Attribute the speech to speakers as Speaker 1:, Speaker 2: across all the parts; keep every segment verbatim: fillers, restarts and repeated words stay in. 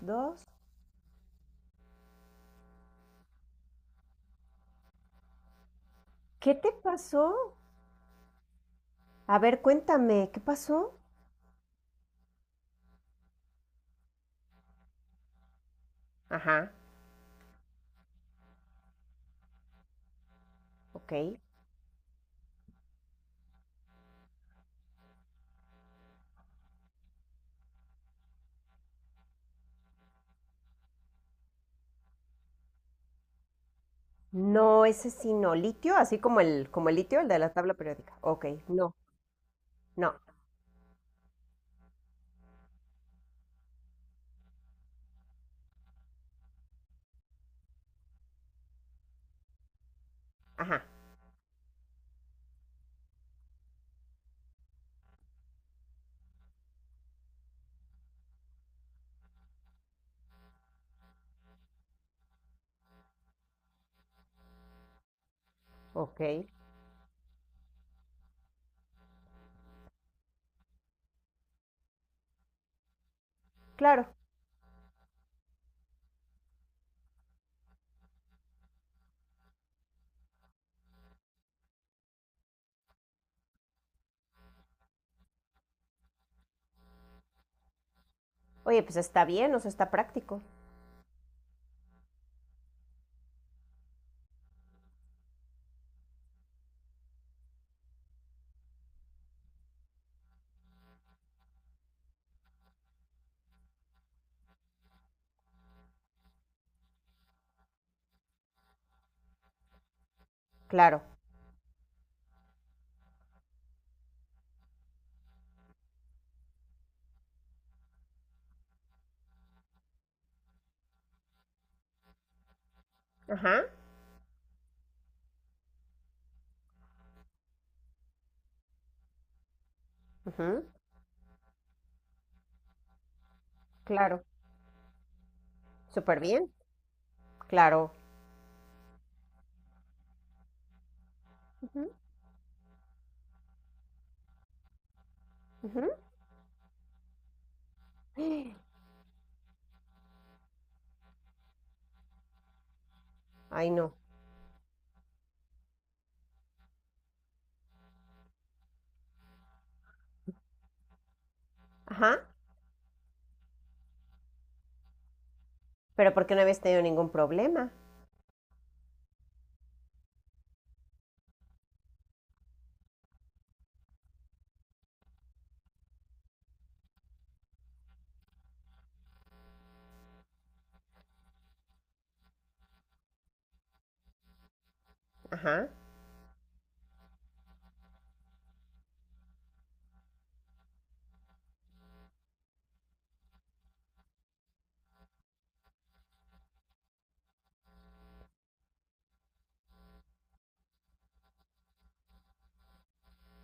Speaker 1: Dos. ¿Qué te pasó? A ver, cuéntame, ¿qué pasó? Ajá, ok. No, ese sí no. ¿Litio? Así como el, como el litio, el de la tabla periódica. Ok, no, no. Ajá, ok. Claro. Oye, pues está bien, o sea, está práctico. Claro. Ajá. Ujú, claro. Súper bien. Claro. Ujú, ujú. Ay, no. Ajá. Pero ¿por qué no habías tenido ningún problema? Ajá.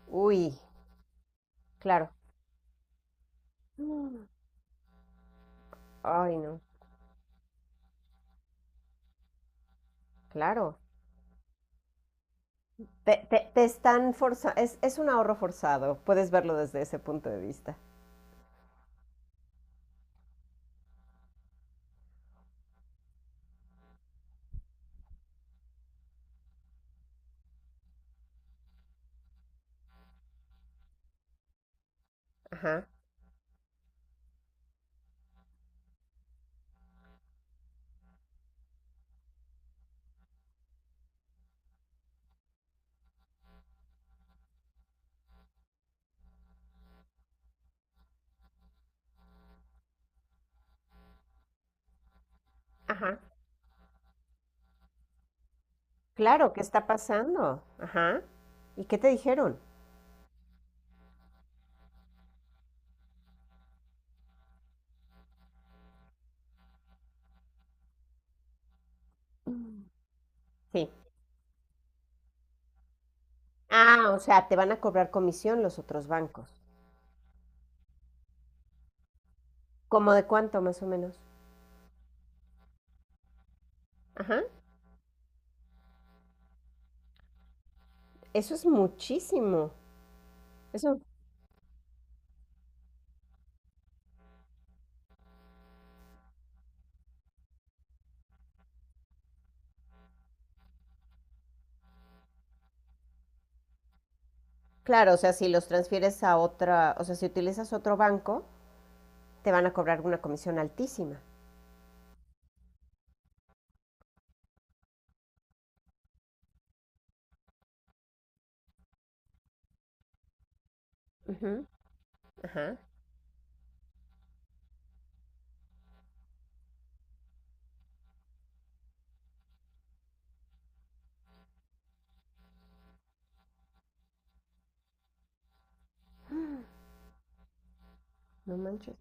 Speaker 1: Uy, claro. Mm. Ay, no. Claro. Te, te, te están forzando, es, es un ahorro forzado, puedes verlo desde ese punto de vista. Ajá, ajá. Claro, ¿qué está pasando? Ajá. ¿Y qué te dijeron? Mm. Sí. Ah, o sea, te van a cobrar comisión los otros bancos. ¿Cómo de cuánto más o menos? Ajá. Eso es muchísimo. Eso, claro, o sea, si los transfieres a otra, o sea, si utilizas otro banco, te van a cobrar una comisión altísima. Ujú. Ajá. No manches.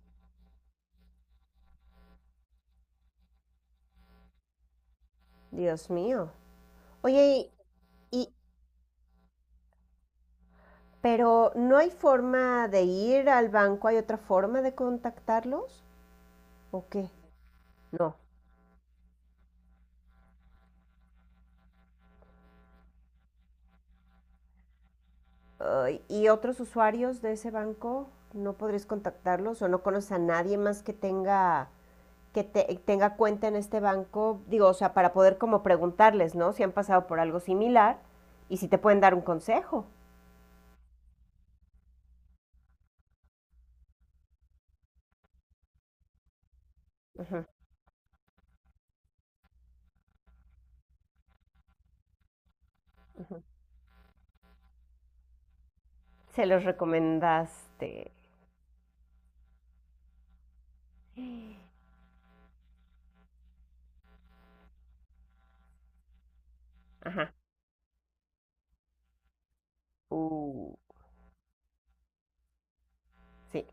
Speaker 1: Dios mío. Oye, ¿y, pero no hay forma de ir al banco, ¿hay otra forma de contactarlos? ¿O qué? No. Ay, ¿y otros usuarios de ese banco no podrías contactarlos o no conoces a nadie más que tenga que te- tenga cuenta en este banco? Digo, o sea, para poder como preguntarles, ¿no? Si han pasado por algo similar y si te pueden dar un consejo. Ujú, ujú. Se los recomendaste. Ajá. Uh, sí.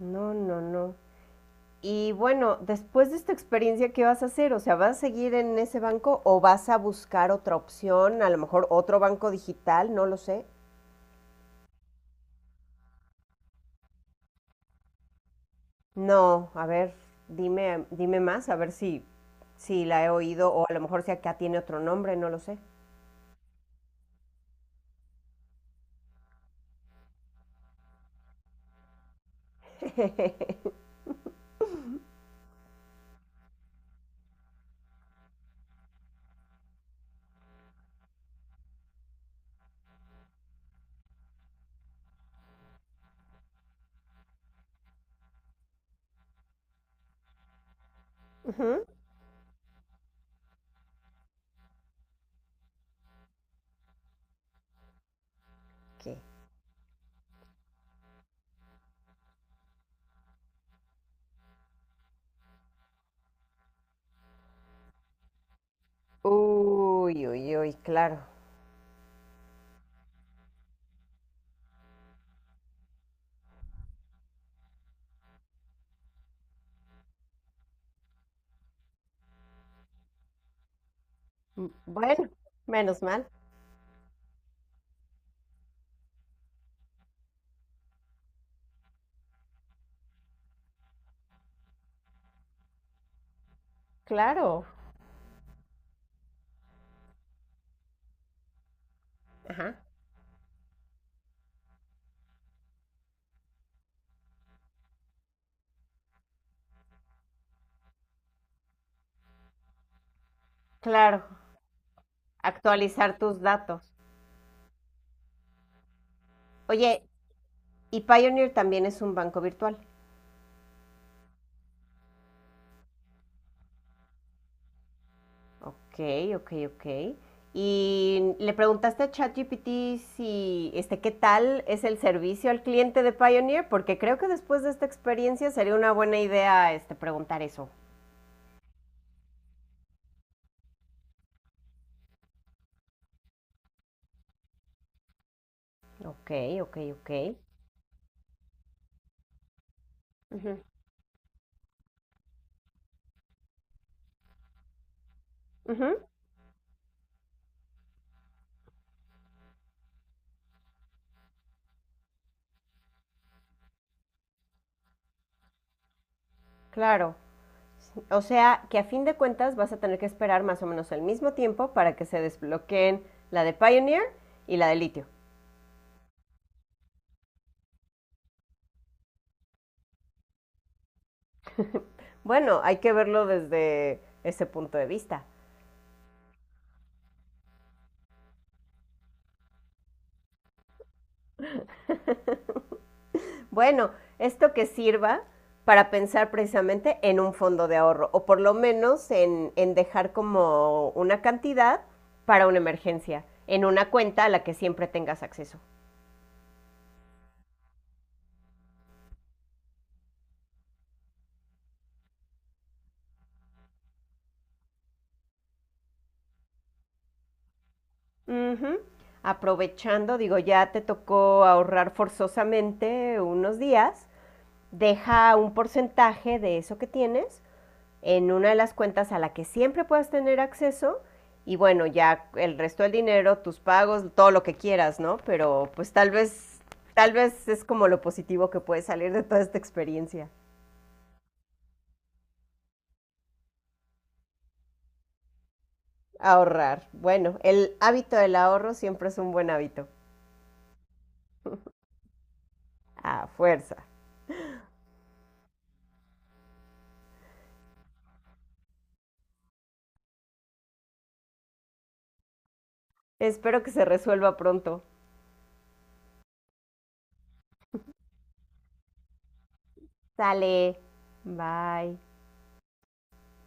Speaker 1: No, no, no. Y bueno, después de esta experiencia, ¿qué vas a hacer? O sea, ¿vas a seguir en ese banco o vas a buscar otra opción? A lo mejor otro banco digital, no lo sé. No, a ver, dime, dime más, a ver si, si la he oído o a lo mejor si acá tiene otro nombre, no lo sé. Ujú. Ok. Uy, uy, uy, claro. Mm, bueno, menos mal. Claro. Ajá. Claro. Actualizar tus datos. Oye, ¿y Pioneer también es un banco virtual? Ok, ok, ok. Y le preguntaste a ChatGPT si, este, ¿qué tal es el servicio al cliente de Pioneer? Porque creo que después de esta experiencia sería una buena idea, este, preguntar eso. Ok, ok, ok. Ujú, ujú, claro. O sea, que a fin de cuentas vas a tener que esperar más o menos el mismo tiempo para que se desbloqueen la de Pioneer y la de litio. Bueno, hay que verlo desde ese punto de vista. Bueno, esto que sirva para pensar precisamente en un fondo de ahorro o por lo menos en, en dejar como una cantidad para una emergencia, en una cuenta a la que siempre tengas acceso. Ujú. Aprovechando, digo, ya te tocó ahorrar forzosamente unos días, deja un porcentaje de eso que tienes en una de las cuentas a la que siempre puedas tener acceso y bueno, ya el resto del dinero, tus pagos, todo lo que quieras, ¿no? Pero pues tal vez, tal vez es como lo positivo que puede salir de toda esta experiencia. Ahorrar. Bueno, el hábito del ahorro siempre es un buen hábito. A fuerza. Espero que se resuelva pronto. Sale. Bye.